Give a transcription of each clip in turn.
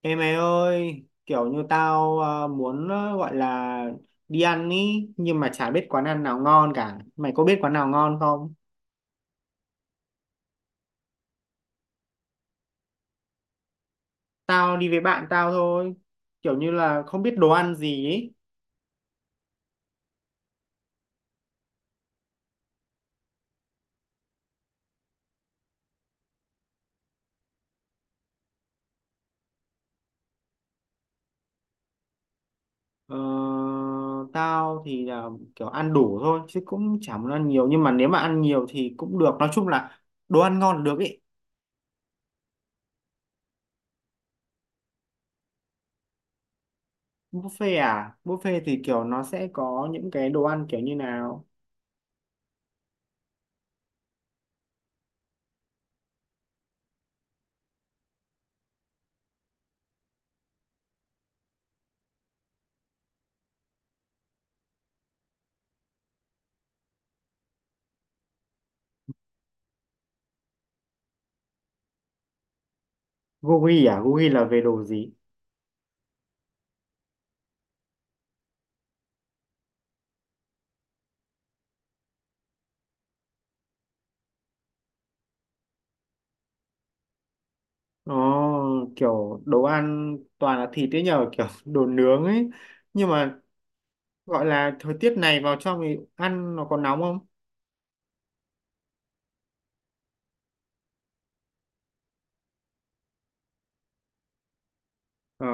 Ê mày ơi, kiểu như tao muốn gọi là đi ăn ý, nhưng mà chả biết quán ăn nào ngon cả. Mày có biết quán nào ngon không? Tao đi với bạn tao thôi, kiểu như là không biết đồ ăn gì ý. Ờ, tao thì là kiểu ăn đủ thôi, chứ cũng chả muốn ăn nhiều. Nhưng mà nếu mà ăn nhiều thì cũng được, nói chung là đồ ăn ngon là được ý. Buffet à? Buffet thì kiểu nó sẽ có những cái đồ ăn kiểu như nào? Gogi à? Gogi là về đồ gì? Nó kiểu đồ ăn toàn là thịt ấy nhờ kiểu đồ nướng ấy, nhưng mà gọi là thời tiết này vào trong thì ăn nó có nóng không? ờ,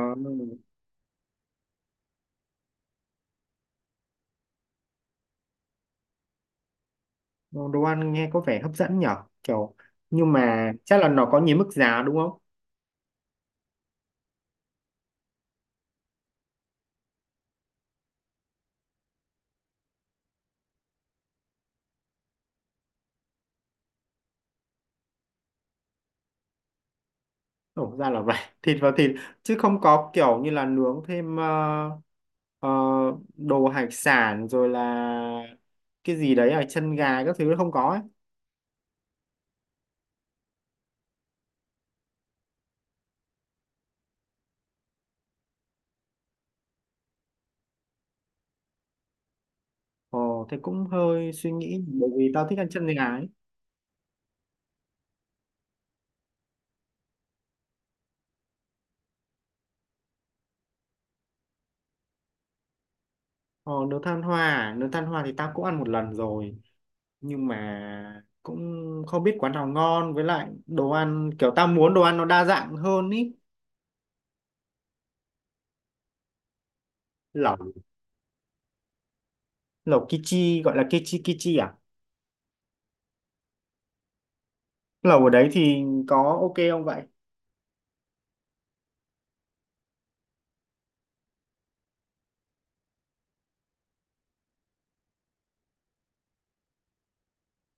Đồ ăn nghe có vẻ hấp dẫn nhở, kiểu nhưng mà chắc là nó có nhiều mức giá đúng không? Ồ, ra là vậy. Thịt vào thịt chứ không có kiểu như là nướng thêm ờ, đồ hải sản rồi là cái gì đấy à, chân gà các thứ không có ấy. Ồ, thế cũng hơi suy nghĩ, bởi vì tao thích ăn chân gà ấy. Ờ, nướng than hoa thì tao cũng ăn một lần rồi, nhưng mà cũng không biết quán nào ngon, với lại đồ ăn kiểu tao muốn đồ ăn nó đa dạng hơn ý. Lẩu, lẩu kichi gọi là kichi kichi à? Lẩu ở đấy thì có ok không vậy?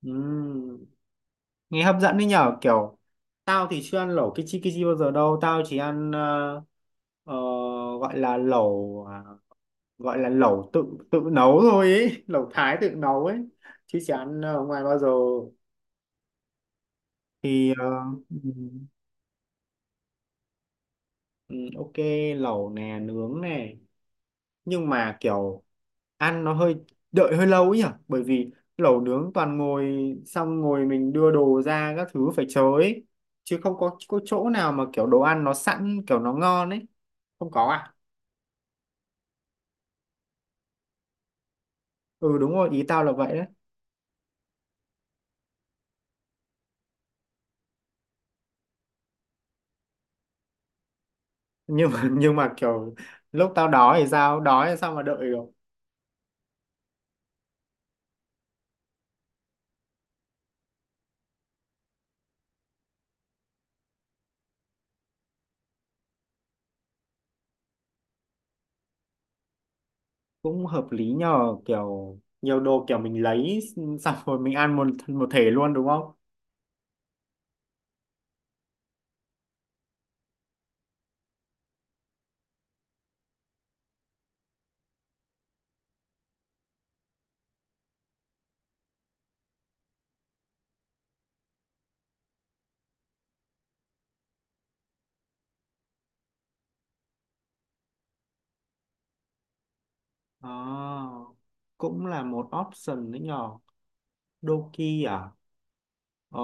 Ừm, nghe hấp dẫn đấy nhở, kiểu tao thì chưa ăn lẩu kichi kichi bao giờ đâu, tao chỉ ăn ờ, gọi là lẩu à, gọi là lẩu tự tự nấu thôi ấy, lẩu Thái tự nấu ấy, chứ chả ăn ở ngoài bao giờ. thì ờ, ừm, ok, lẩu nè, nướng nè, nhưng mà kiểu ăn nó hơi, đợi hơi lâu ấy nhỉ, bởi vì lẩu nướng toàn ngồi, xong ngồi mình đưa đồ ra các thứ phải chờ ấy, chứ không có chỗ nào mà kiểu đồ ăn nó sẵn kiểu nó ngon ấy, không có à? Ừ đúng rồi, ý tao là vậy đấy. Nhưng mà kiểu lúc tao đói thì sao, đói thì sao mà đợi được? Cũng hợp lý nhờ, kiểu nhiều đồ kiểu mình lấy xong rồi mình ăn một một thể luôn đúng không? À, cũng là một option đấy nhỏ, Doki à, ờ,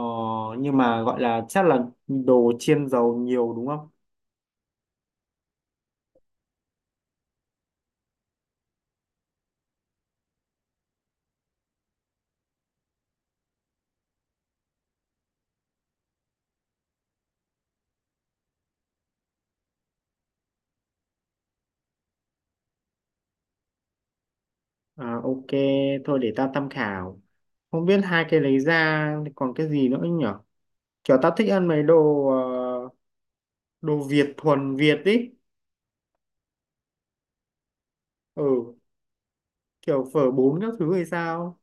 nhưng mà gọi là chắc là đồ chiên dầu nhiều đúng không? À, ok, thôi để ta tham khảo. Không biết hai cái lấy ra thì còn cái gì nữa nhở, kiểu ta thích ăn mấy đồ đồ Việt thuần Việt ý. Ừ, kiểu phở bún các thứ hay sao.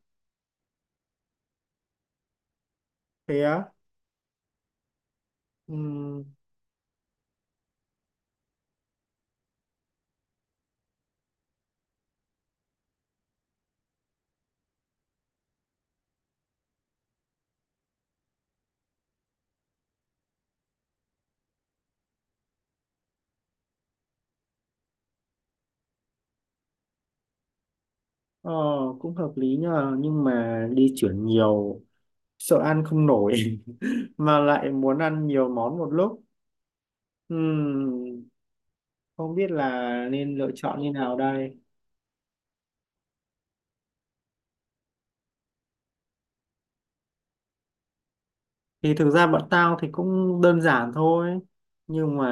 Thế á. Ừ, ờ, cũng hợp lý nhờ, nhưng mà đi chuyển nhiều sợ ăn không nổi. Mà lại muốn ăn nhiều món một lúc. Ừm, không biết là nên lựa chọn như nào đây. Thì thực ra bọn tao thì cũng đơn giản thôi, nhưng mà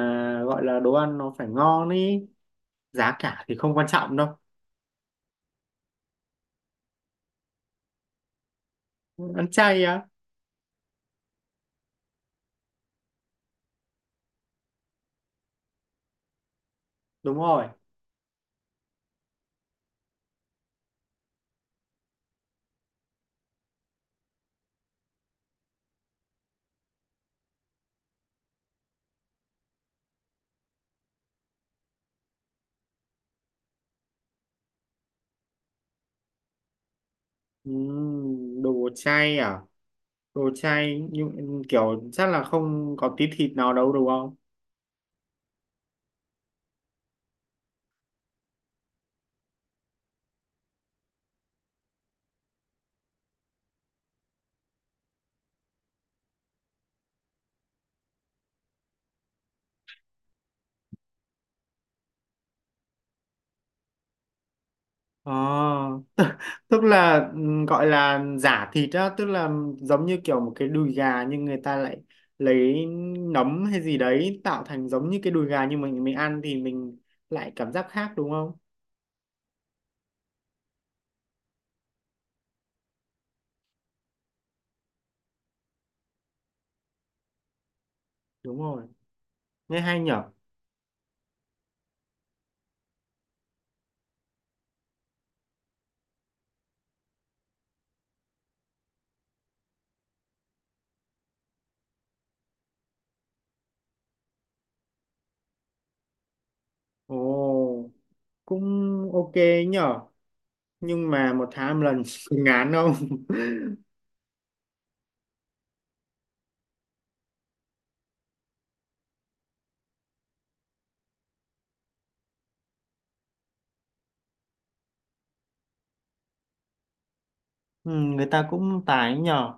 gọi là đồ ăn nó phải ngon ý, giá cả thì không quan trọng đâu. Ăn chay á? Đúng rồi. Đồ chay à, đồ chay nhưng kiểu chắc là không có tí thịt nào đâu đúng không? Ờ, tức là gọi là giả thịt á, tức là giống như kiểu một cái đùi gà nhưng người ta lại lấy nấm hay gì đấy tạo thành giống như cái đùi gà, nhưng mình ăn thì mình lại cảm giác khác đúng không? Đúng rồi, nghe hay nhở. Ồ, cũng ok nhở, nhưng mà một tháng một lần ngán không? Ừ, người ta cũng tài ấy nhở,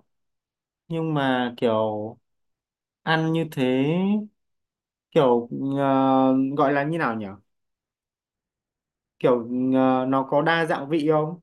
nhưng mà kiểu ăn như thế kiểu, gọi là như nào nhở, kiểu nó có đa dạng vị không?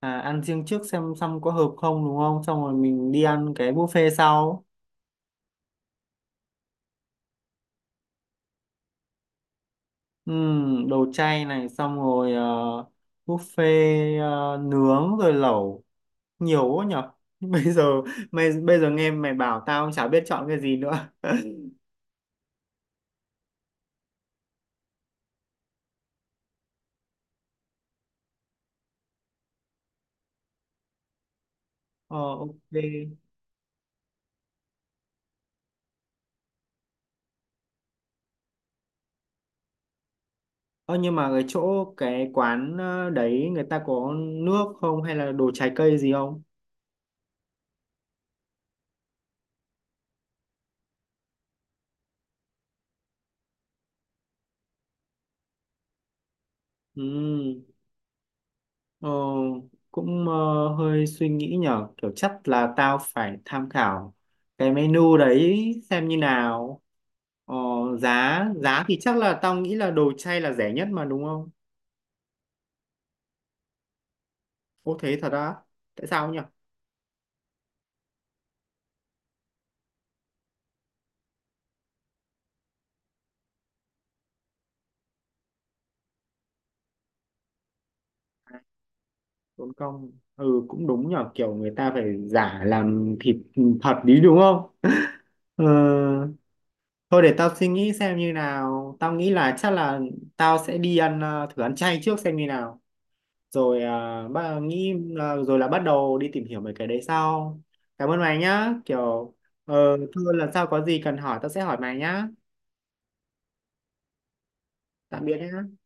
À, ăn riêng trước xem xong có hợp không đúng không, xong rồi mình đi ăn cái buffet sau. Đồ chay này, xong rồi buffet, nướng rồi lẩu, nhiều quá nhở. Bây giờ mày, bây giờ nghe mày bảo tao cũng chả biết chọn cái gì nữa. Ờ ok. Ờ nhưng mà cái chỗ, cái quán đấy người ta có nước không, hay là đồ trái cây gì không? Ừ. Ờ, cũng hơi suy nghĩ nhở, kiểu chắc là tao phải tham khảo cái menu đấy xem như nào. ờ, Giá, giá thì chắc là tao nghĩ là đồ chay là rẻ nhất mà đúng không? Ô, thế thật á? Tại sao nhở? Tốn công. Ừ cũng đúng nhở, kiểu người ta phải giả làm thịt thật đi đúng không? ờ, Thôi để tao suy nghĩ xem như nào, tao nghĩ là chắc là tao sẽ đi ăn, thử ăn chay trước xem như nào rồi. À, ba nghĩ là, rồi là bắt đầu đi tìm hiểu về cái đấy sau. Cảm ơn mày nhá, kiểu thôi lần sau có gì cần hỏi tao sẽ hỏi mày nhá. Tạm biệt nhá.